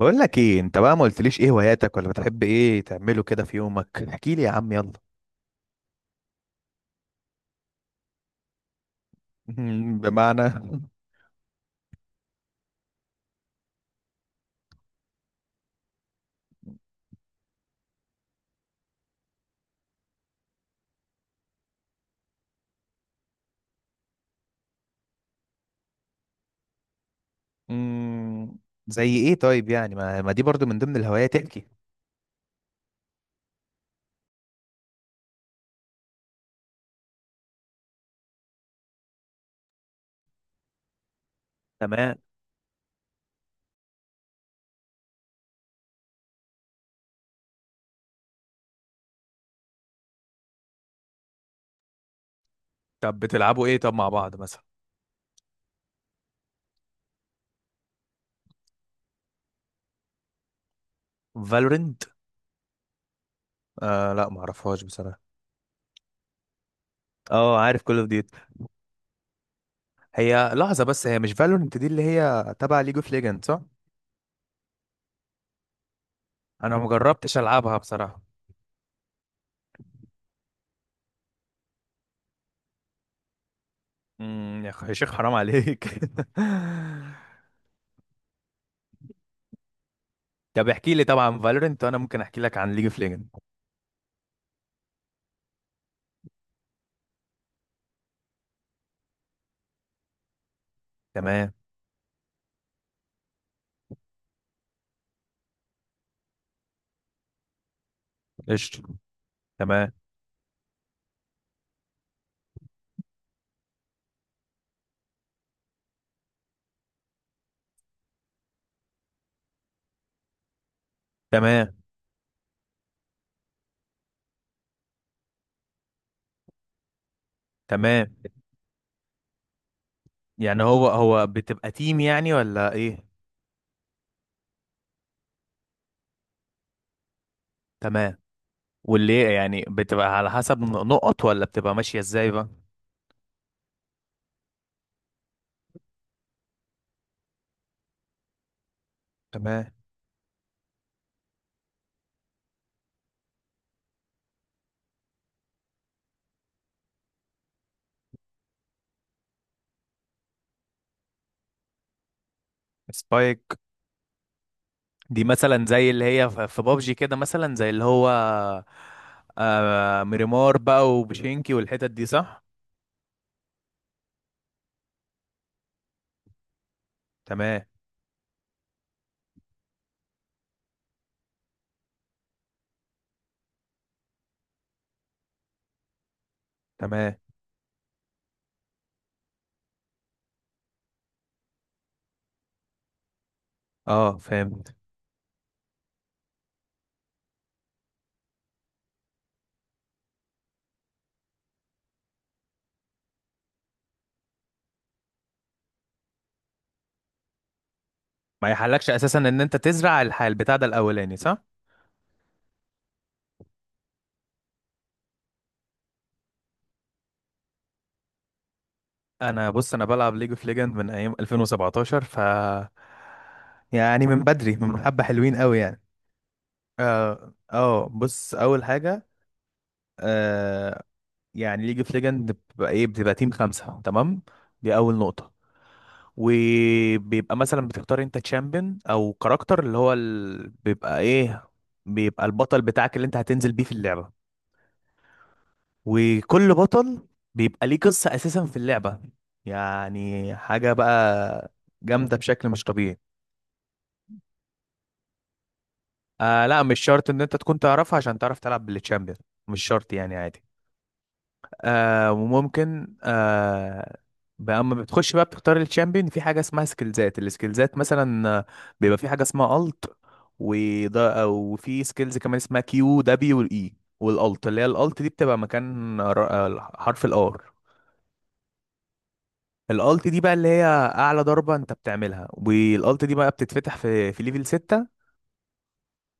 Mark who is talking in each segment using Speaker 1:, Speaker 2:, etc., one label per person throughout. Speaker 1: بقول لك ايه؟ انت بقى ما قلتليش ايه هواياتك، ولا بتحب ايه تعمله كده في يومك؟ احكي لي يا عم، يلا. بمعنى؟ مم، زي ايه طيب؟ يعني ما دي برضو من ضمن الهوايات، احكي. تمام. طب بتلعبوا ايه طب مع بعض مثلا؟ فالورنت. آه لا، ما اعرفهاش بصراحه. اه عارف كول اوف ديوتي. هي لحظه بس، هي مش فالورنت دي اللي هي تبع ليج اوف ليجند، صح؟ انا ما جربتش العبها بصراحه. يا اخي يا شيخ، حرام عليك. طب احكي لي طبعا فالورنت، وانا ممكن احكي لك عن ليج اوف ليجند. تمام. قشطة. تمام. تمام. تمام. يعني هو بتبقى تيم يعني ولا ايه؟ تمام. واللي يعني بتبقى على حسب نقط، ولا بتبقى ماشية ازاي بقى؟ تمام. سبايك دي مثلا زي اللي هي في بابجي كده، مثلا زي اللي هو آه ميريمار بقى وبشينكي والحتت دي، صح؟ تمام. تمام. اه فهمت. ما يحلكش اساسا ان انت تزرع البتاع ده الاولاني، صح؟ انا بص، انا بلعب ليج اوف ليجند من ايام 2017، ف يعني من بدري، من حبة حلوين قوي يعني. اه اه بص، اول حاجة آه يعني ليج اوف ليجند بتبقى ايه؟ بتبقى تيم 5، تمام؟ دي اول نقطة. وبيبقى مثلا بتختار انت تشامبيون او كاركتر، اللي هو بيبقى ايه، بيبقى البطل بتاعك اللي انت هتنزل بيه في اللعبة. وكل بطل بيبقى ليه قصة أساسا في اللعبة. يعني حاجة بقى جامدة بشكل مش طبيعي. آه لا، مش شرط إن أنت تكون تعرفها عشان تعرف تلعب بالتشامبيون، مش شرط يعني، عادي. آه، وممكن آه بقى أما بتخش بقى بتختار التشامبيون، في حاجة اسمها سكيلزات. السكيلزات مثلا بيبقى في حاجة اسمها ألت. وده، وفي سكيلز كمان اسمها كيو دبليو الاي. والالت اللي هي الالت دي بتبقى مكان حرف الار. الالت دي بقى اللي هي اعلى ضربه انت بتعملها، والالت دي بقى بتتفتح في ليفل 6.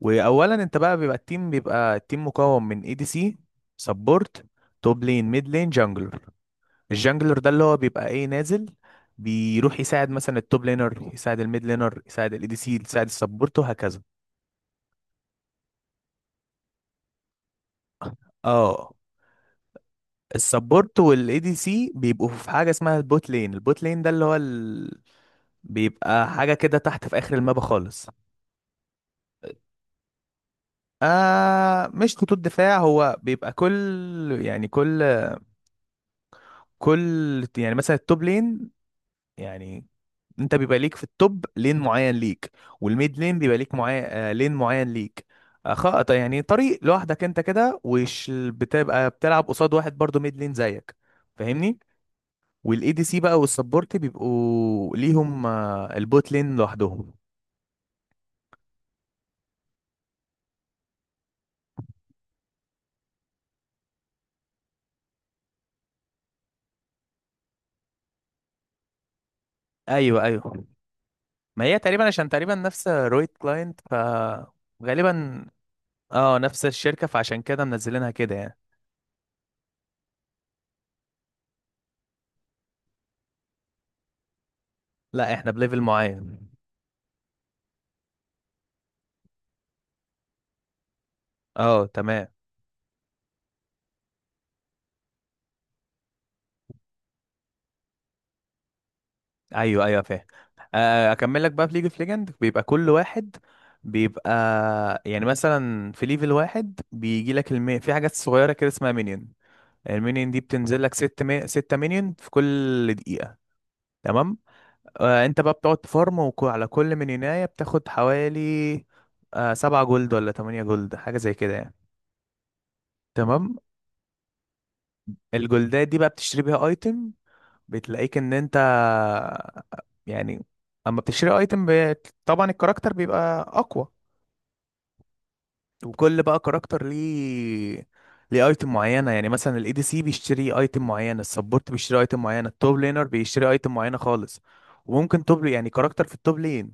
Speaker 1: واولا انت بقى بيبقى التيم مكون من اي دي سي، سبورت، توب لين، ميد لين، جانجلر. الجانجلر ده اللي هو بيبقى ايه، نازل بيروح يساعد مثلا التوب لينر، يساعد الميد لينر، يساعد الاي دي سي، يساعد السبورت، وهكذا. اه السبورت والاي دي سي بيبقوا في حاجه اسمها البوت لين. البوت لين ده اللي هو بيبقى حاجه كده تحت في اخر المابا خالص. آه مش خطوط دفاع، هو بيبقى كل، يعني كل، يعني مثلا التوب لين يعني انت بيبقى ليك في التوب لين معين ليك، والميد لين بيبقى ليك معين آه لين معين ليك. آه خط يعني، طريق لوحدك انت كده، وش بتبقى بتلعب قصاد واحد برضو ميد لين زيك، فاهمني؟ والاي دي سي بقى والسبورت بيبقوا ليهم آه البوت لين لوحدهم. ايوه ايوه. ما هي تقريبا عشان تقريبا نفس رويت كلاينت، ف غالبا. اه، نفس الشركة، فعشان كده منزلينها كده يعني. لا احنا بليفل معين. اه تمام. ايوه ايوه فاهم. آه، اكمل لك بقى. في ليج اوف ليجند بيبقى كل واحد بيبقى، يعني مثلا في ليفل واحد بيجي لك في حاجات صغيرة كده اسمها مinion. المينيون دي بتنزل لك 6 مينيون في كل دقيقة. تمام. آه انت بقى بتقعد تفارم، على كل مينيوناية بتاخد حوالي آه 7 جولد ولا 8 جولد، حاجة زي كده يعني. تمام. الجولدات دي بقى بتشتري بيها ايتم. بتلاقيك ان انت، يعني، اما بتشتري ايتم طبعا الكاركتر بيبقى اقوى. وكل بقى كاركتر ليه، ليه ايتم معينه، يعني مثلا الاي دي سي بيشتري ايتم معين، السبورت بيشتري ايتم معينه، التوب لينر بيشتري ايتم معينه خالص. وممكن توب يعني كاركتر في التوب لين،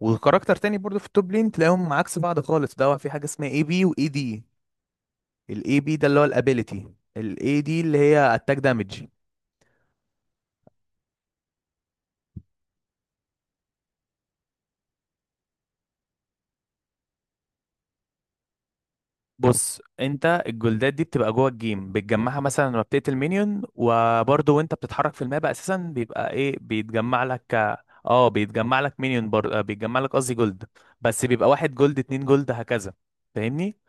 Speaker 1: وكاركتر تاني برضو في التوب لين، تلاقيهم عكس بعض خالص، ده في حاجه اسمها اي بي واي دي. الاي بي ده اللي هو الابيليتي، الاي دي اللي هي اتاك دامج. بص انت الجولدات دي بتبقى جوه الجيم، بتجمعها مثلا لما بتقتل مينيون، وبرضه وانت بتتحرك في الماب اساسا بيبقى ايه بيتجمع لك. اه بيتجمع لك مينيون بر... آه، بيتجمع لك قصدي جولد. بس بيبقى 1 جولد، 2 جولد، هكذا، فاهمني؟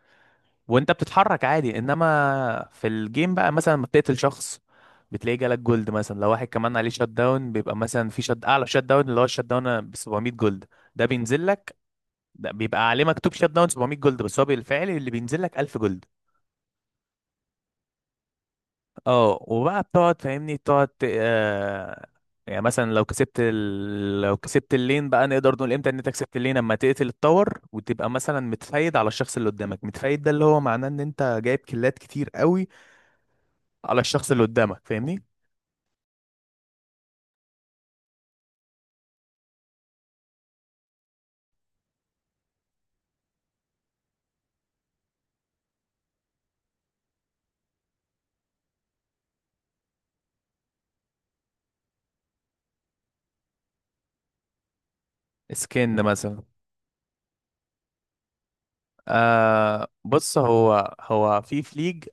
Speaker 1: وانت بتتحرك عادي، انما في الجيم بقى مثلا لما بتقتل شخص بتلاقيه جالك جولد. مثلا لو واحد كمان عليه شات داون بيبقى مثلا في شات اعلى، شات داون اللي هو الشات داون ب 700 جولد، ده بينزل لك. ده بيبقى عليه مكتوب شات داون 700 جولد، بس هو بالفعل اللي بينزل لك 1000 جولد. اه وبقى بتقعد فاهمني تقعد يعني مثلا لو كسبت لو كسبت اللين بقى، نقدر نقول امتى ان انت كسبت اللين؟ اما تقتل التور وتبقى مثلا متفايد على الشخص اللي قدامك. متفايد ده اللي هو معناه ان انت جايب كيلات كتير قوي على الشخص اللي قدامك، فاهمني؟ سكن مثلا. آه بص، هو في فليج،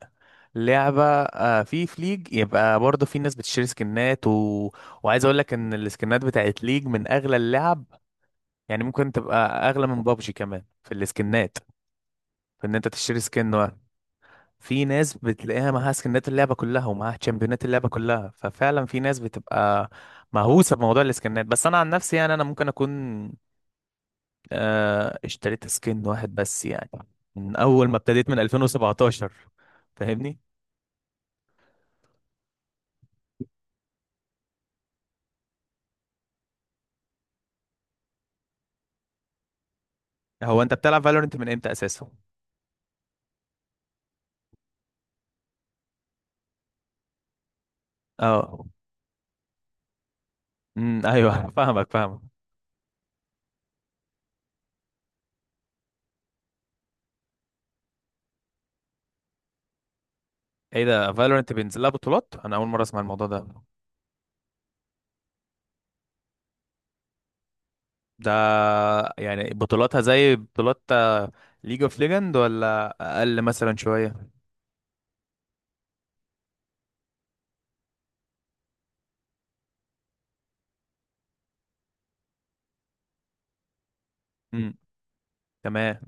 Speaker 1: لعبة آه في فليج يبقى برضه في ناس بتشتري سكنات وعايز اقول لك ان السكنات بتاعت ليج من اغلى اللعب. يعني ممكن تبقى اغلى من بابجي كمان في السكنات. في ان انت تشتري سكن واحد. في ناس بتلاقيها معاها سكنات اللعبه كلها، ومعاها تشامبيونات اللعبه كلها. ففعلا في ناس بتبقى مهووسه بموضوع السكنات، بس انا عن نفسي يعني انا ممكن اكون آه اشتريت سكن واحد بس يعني، من اول ما ابتديت من 2017، فاهمني؟ هو انت بتلعب فالورنت من امتى اساسا؟ اه ايوه فاهمك فاهمك. ايه ده؟ فالورنت بينزل لها بطولات؟ انا اول مره اسمع الموضوع ده. ده يعني بطولاتها زي بطولات ليج اوف ليجند، ولا اقل مثلا شويه؟ امم تمام.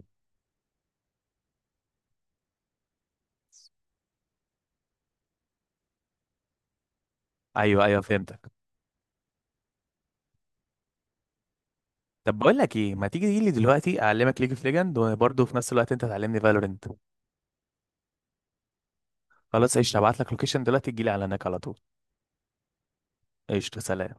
Speaker 1: ايوه ايوه فهمتك. طب بقول لك ايه، ما تيجي لي دلوقتي اعلمك ليج اوف ليجند، وبرضه في نفس الوقت انت تعلمني فالورنت. خلاص قشطه، هبعت لك لوكيشن دلوقتي تجي لي على هناك على طول. قشطه، سلام.